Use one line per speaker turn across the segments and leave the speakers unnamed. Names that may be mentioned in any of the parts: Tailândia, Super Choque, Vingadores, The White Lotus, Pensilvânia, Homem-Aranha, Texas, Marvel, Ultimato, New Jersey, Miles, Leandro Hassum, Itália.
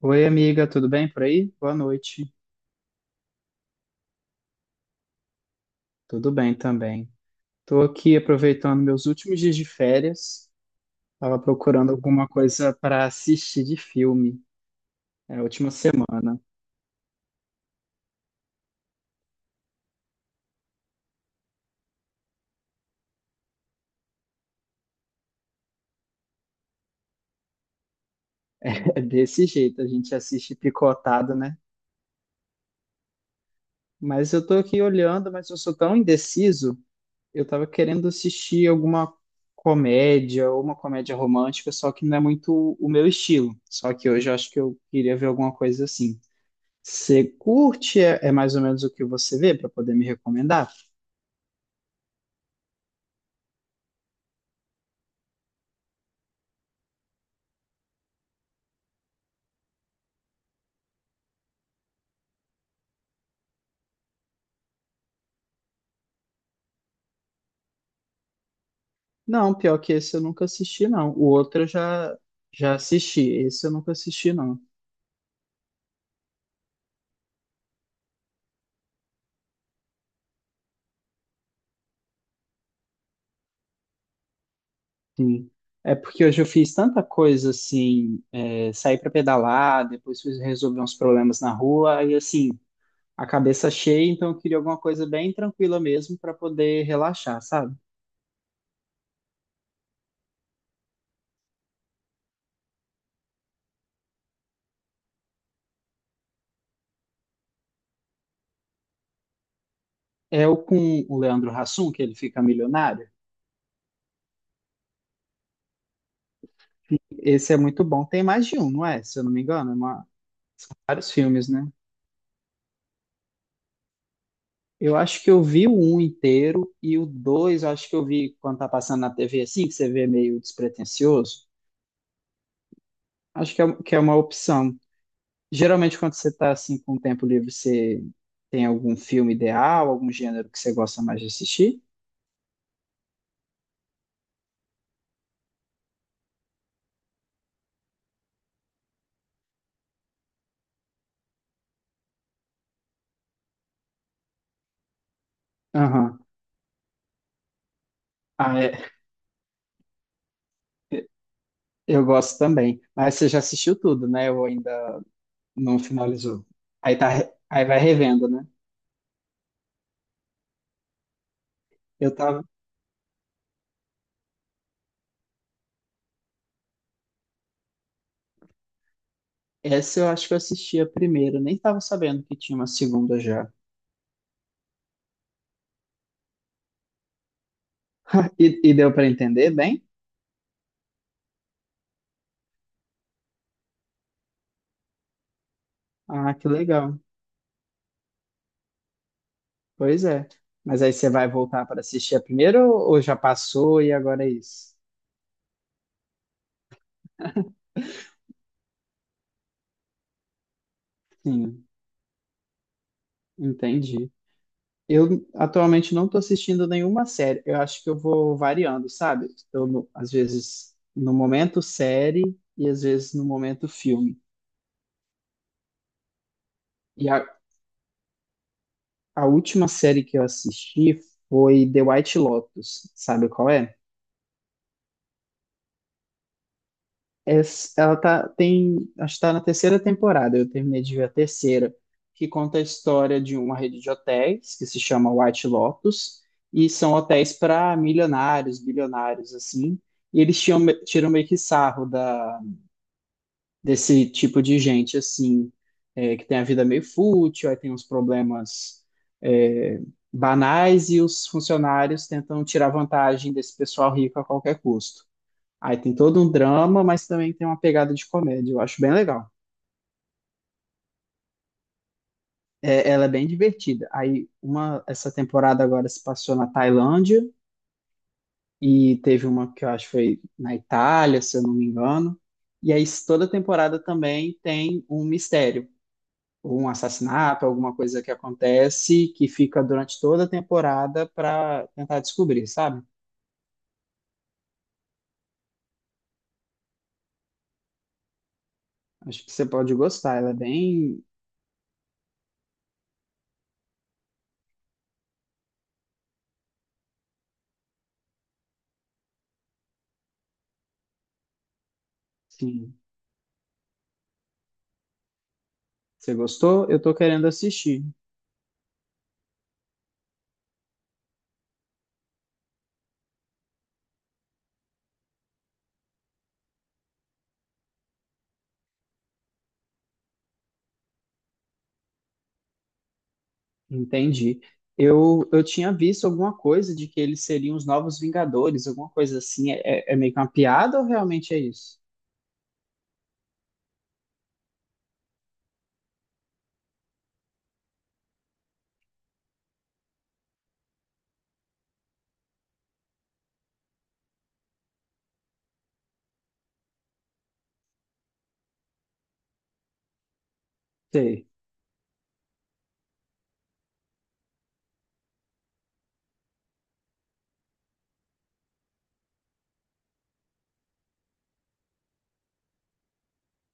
Oi, amiga, tudo bem por aí? Boa noite. Tudo bem também. Estou aqui aproveitando meus últimos dias de férias. Estava procurando alguma coisa para assistir de filme. É a última semana. É desse jeito, a gente assiste picotado, né? Mas eu estou aqui olhando, mas eu sou tão indeciso. Eu estava querendo assistir alguma comédia ou uma comédia romântica, só que não é muito o meu estilo. Só que hoje eu acho que eu queria ver alguma coisa assim. Você curte é mais ou menos o que você vê para poder me recomendar? Não, pior que esse eu nunca assisti, não. O outro eu já assisti. Esse eu nunca assisti, não. Sim. É porque hoje eu fiz tanta coisa assim, é, saí para pedalar, depois fui resolver uns problemas na rua, e assim, a cabeça cheia, então eu queria alguma coisa bem tranquila mesmo para poder relaxar, sabe? É o com o Leandro Hassum, que ele fica milionário. Esse é muito bom. Tem mais de um, não é? Se eu não me engano, é uma- Vários filmes, né? Eu acho que eu vi o um inteiro e o dois, acho que eu vi quando tá passando na TV assim, que você vê meio despretensioso. Acho que é uma opção. Geralmente, quando você tá assim com tempo livre, você tem algum filme ideal, algum gênero que você gosta mais de assistir? Aham. Ah, é. Eu gosto também. Mas você já assistiu tudo, né? Ou ainda não finalizou. Aí tá, aí vai revendo, né? Eu tava. Essa eu acho que eu assisti a primeira, nem tava sabendo que tinha uma segunda já. E deu pra entender bem? Ah, que legal. Pois é. Mas aí você vai voltar para assistir a primeira ou já passou e agora é isso? Sim, entendi. Eu atualmente não estou assistindo nenhuma série. Eu acho que eu vou variando, sabe? Eu, no- Às vezes no momento série e às vezes no momento filme. E a, a última série que eu assisti foi The White Lotus. Sabe qual é? Ela tá, tem, acho que tá na terceira temporada, eu terminei de ver a terceira, que conta a história de uma rede de hotéis que se chama White Lotus, e são hotéis para milionários, bilionários, assim, e eles tiram, tiram meio que sarro da, desse tipo de gente, assim, é, que tem a vida meio fútil, aí tem uns problemas é, banais, e os funcionários tentam tirar vantagem desse pessoal rico a qualquer custo. Aí tem todo um drama, mas também tem uma pegada de comédia. Eu acho bem legal. É, ela é bem divertida. Aí uma essa temporada agora se passou na Tailândia e teve uma que eu acho que foi na Itália, se eu não me engano. E aí toda temporada também tem um mistério, ou um assassinato, alguma coisa que acontece que fica durante toda a temporada para tentar descobrir, sabe? Acho que você pode gostar. Ela é bem, sim. Você gostou? Eu tô querendo assistir. Entendi. Eu tinha visto alguma coisa de que eles seriam os novos Vingadores, alguma coisa assim. É, é meio que uma piada ou realmente é isso? Sei.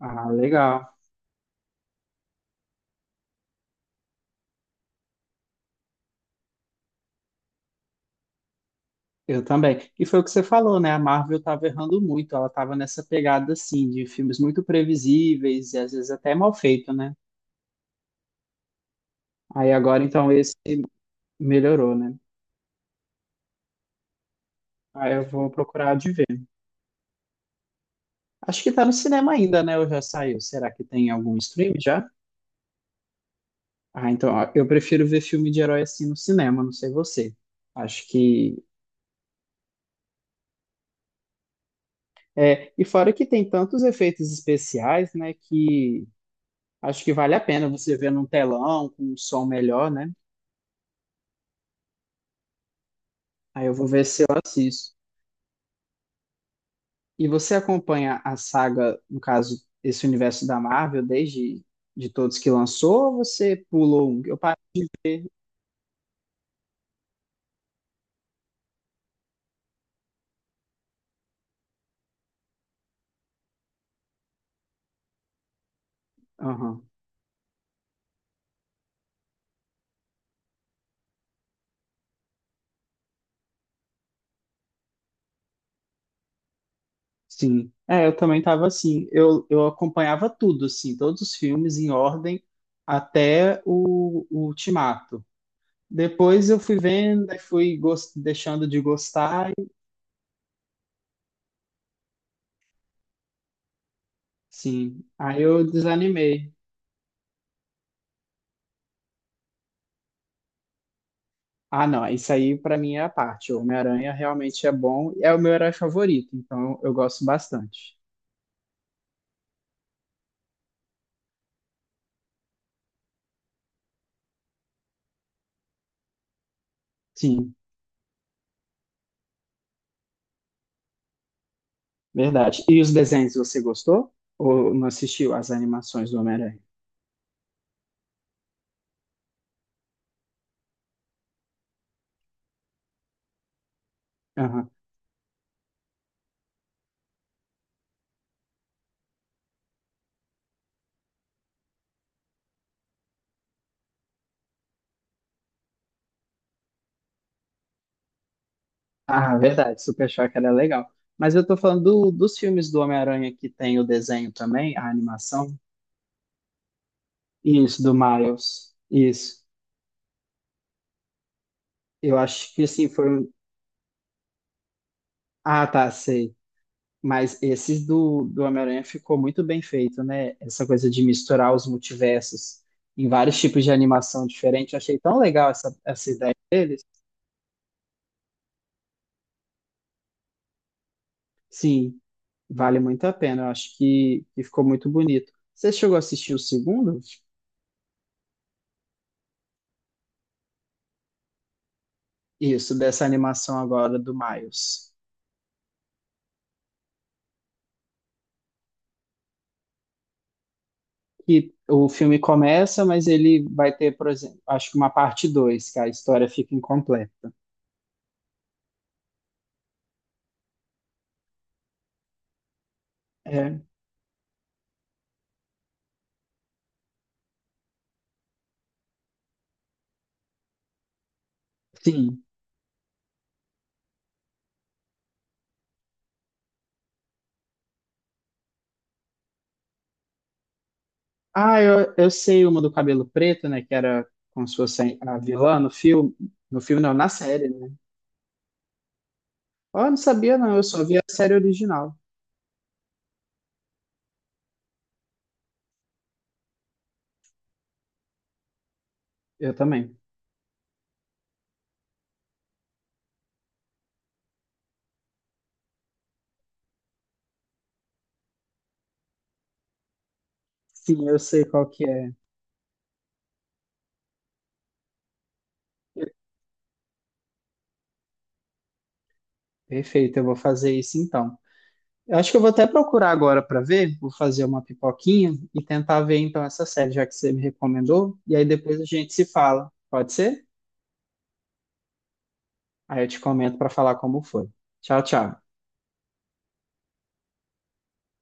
Ah, legal. Eu também. E foi o que você falou, né? A Marvel estava errando muito. Ela estava nessa pegada, assim, de filmes muito previsíveis e às vezes até mal feito, né? Aí agora, então, esse melhorou, né? Aí eu vou procurar de ver. Acho que tá no cinema ainda, né? Ou já saiu? Será que tem algum stream já? Ah, então, ó, eu prefiro ver filme de herói assim no cinema, não sei você. Acho que é, e fora que tem tantos efeitos especiais, né, que acho que vale a pena você ver num telão com um som melhor, né? Aí eu vou ver se eu assisto. E você acompanha a saga, no caso, esse universo da Marvel desde de todos que lançou, ou você pulou um? Eu parei. Sim, é, eu também tava assim. Eu acompanhava tudo, assim, todos os filmes em ordem até o Ultimato. Depois eu fui vendo, aí fui deixando de gostar, e, sim. Aí eu desanimei. Ah, não, isso aí pra mim é a parte. O Homem-Aranha realmente é bom, é o meu herói favorito, então eu gosto bastante. Sim, verdade. E os desenhos você gostou? Ou não assistiu às animações do Homem-Aranha? Ah, verdade, Super Choque era legal. Mas eu tô falando dos filmes do Homem-Aranha que tem o desenho também, a animação. Isso, do Miles. Isso. Eu acho que assim foram. Ah, tá, sei. Mas esses do Homem-Aranha ficou muito bem feito, né? Essa coisa de misturar os multiversos em vários tipos de animação diferente. Eu achei tão legal essa ideia deles. Sim, vale muito a pena. Eu acho que ficou muito bonito. Você chegou a assistir o segundo? Isso, dessa animação agora do Miles. Que o filme começa, mas ele vai ter, por exemplo, acho que uma parte 2, que a história fica incompleta. É, sim. Ah, eu sei uma do cabelo preto, né? Que era como se fosse a vilã no filme. No filme, não, na série, né? Oh, eu não sabia, não. Eu só vi a série original. Eu também. Sim, eu sei qual que é. Perfeito, eu vou fazer isso então. Eu acho que eu vou até procurar agora para ver, vou fazer uma pipoquinha e tentar ver então essa série, já que você me recomendou, e aí depois a gente se fala. Pode ser? Aí eu te comento para falar como foi. Tchau, tchau.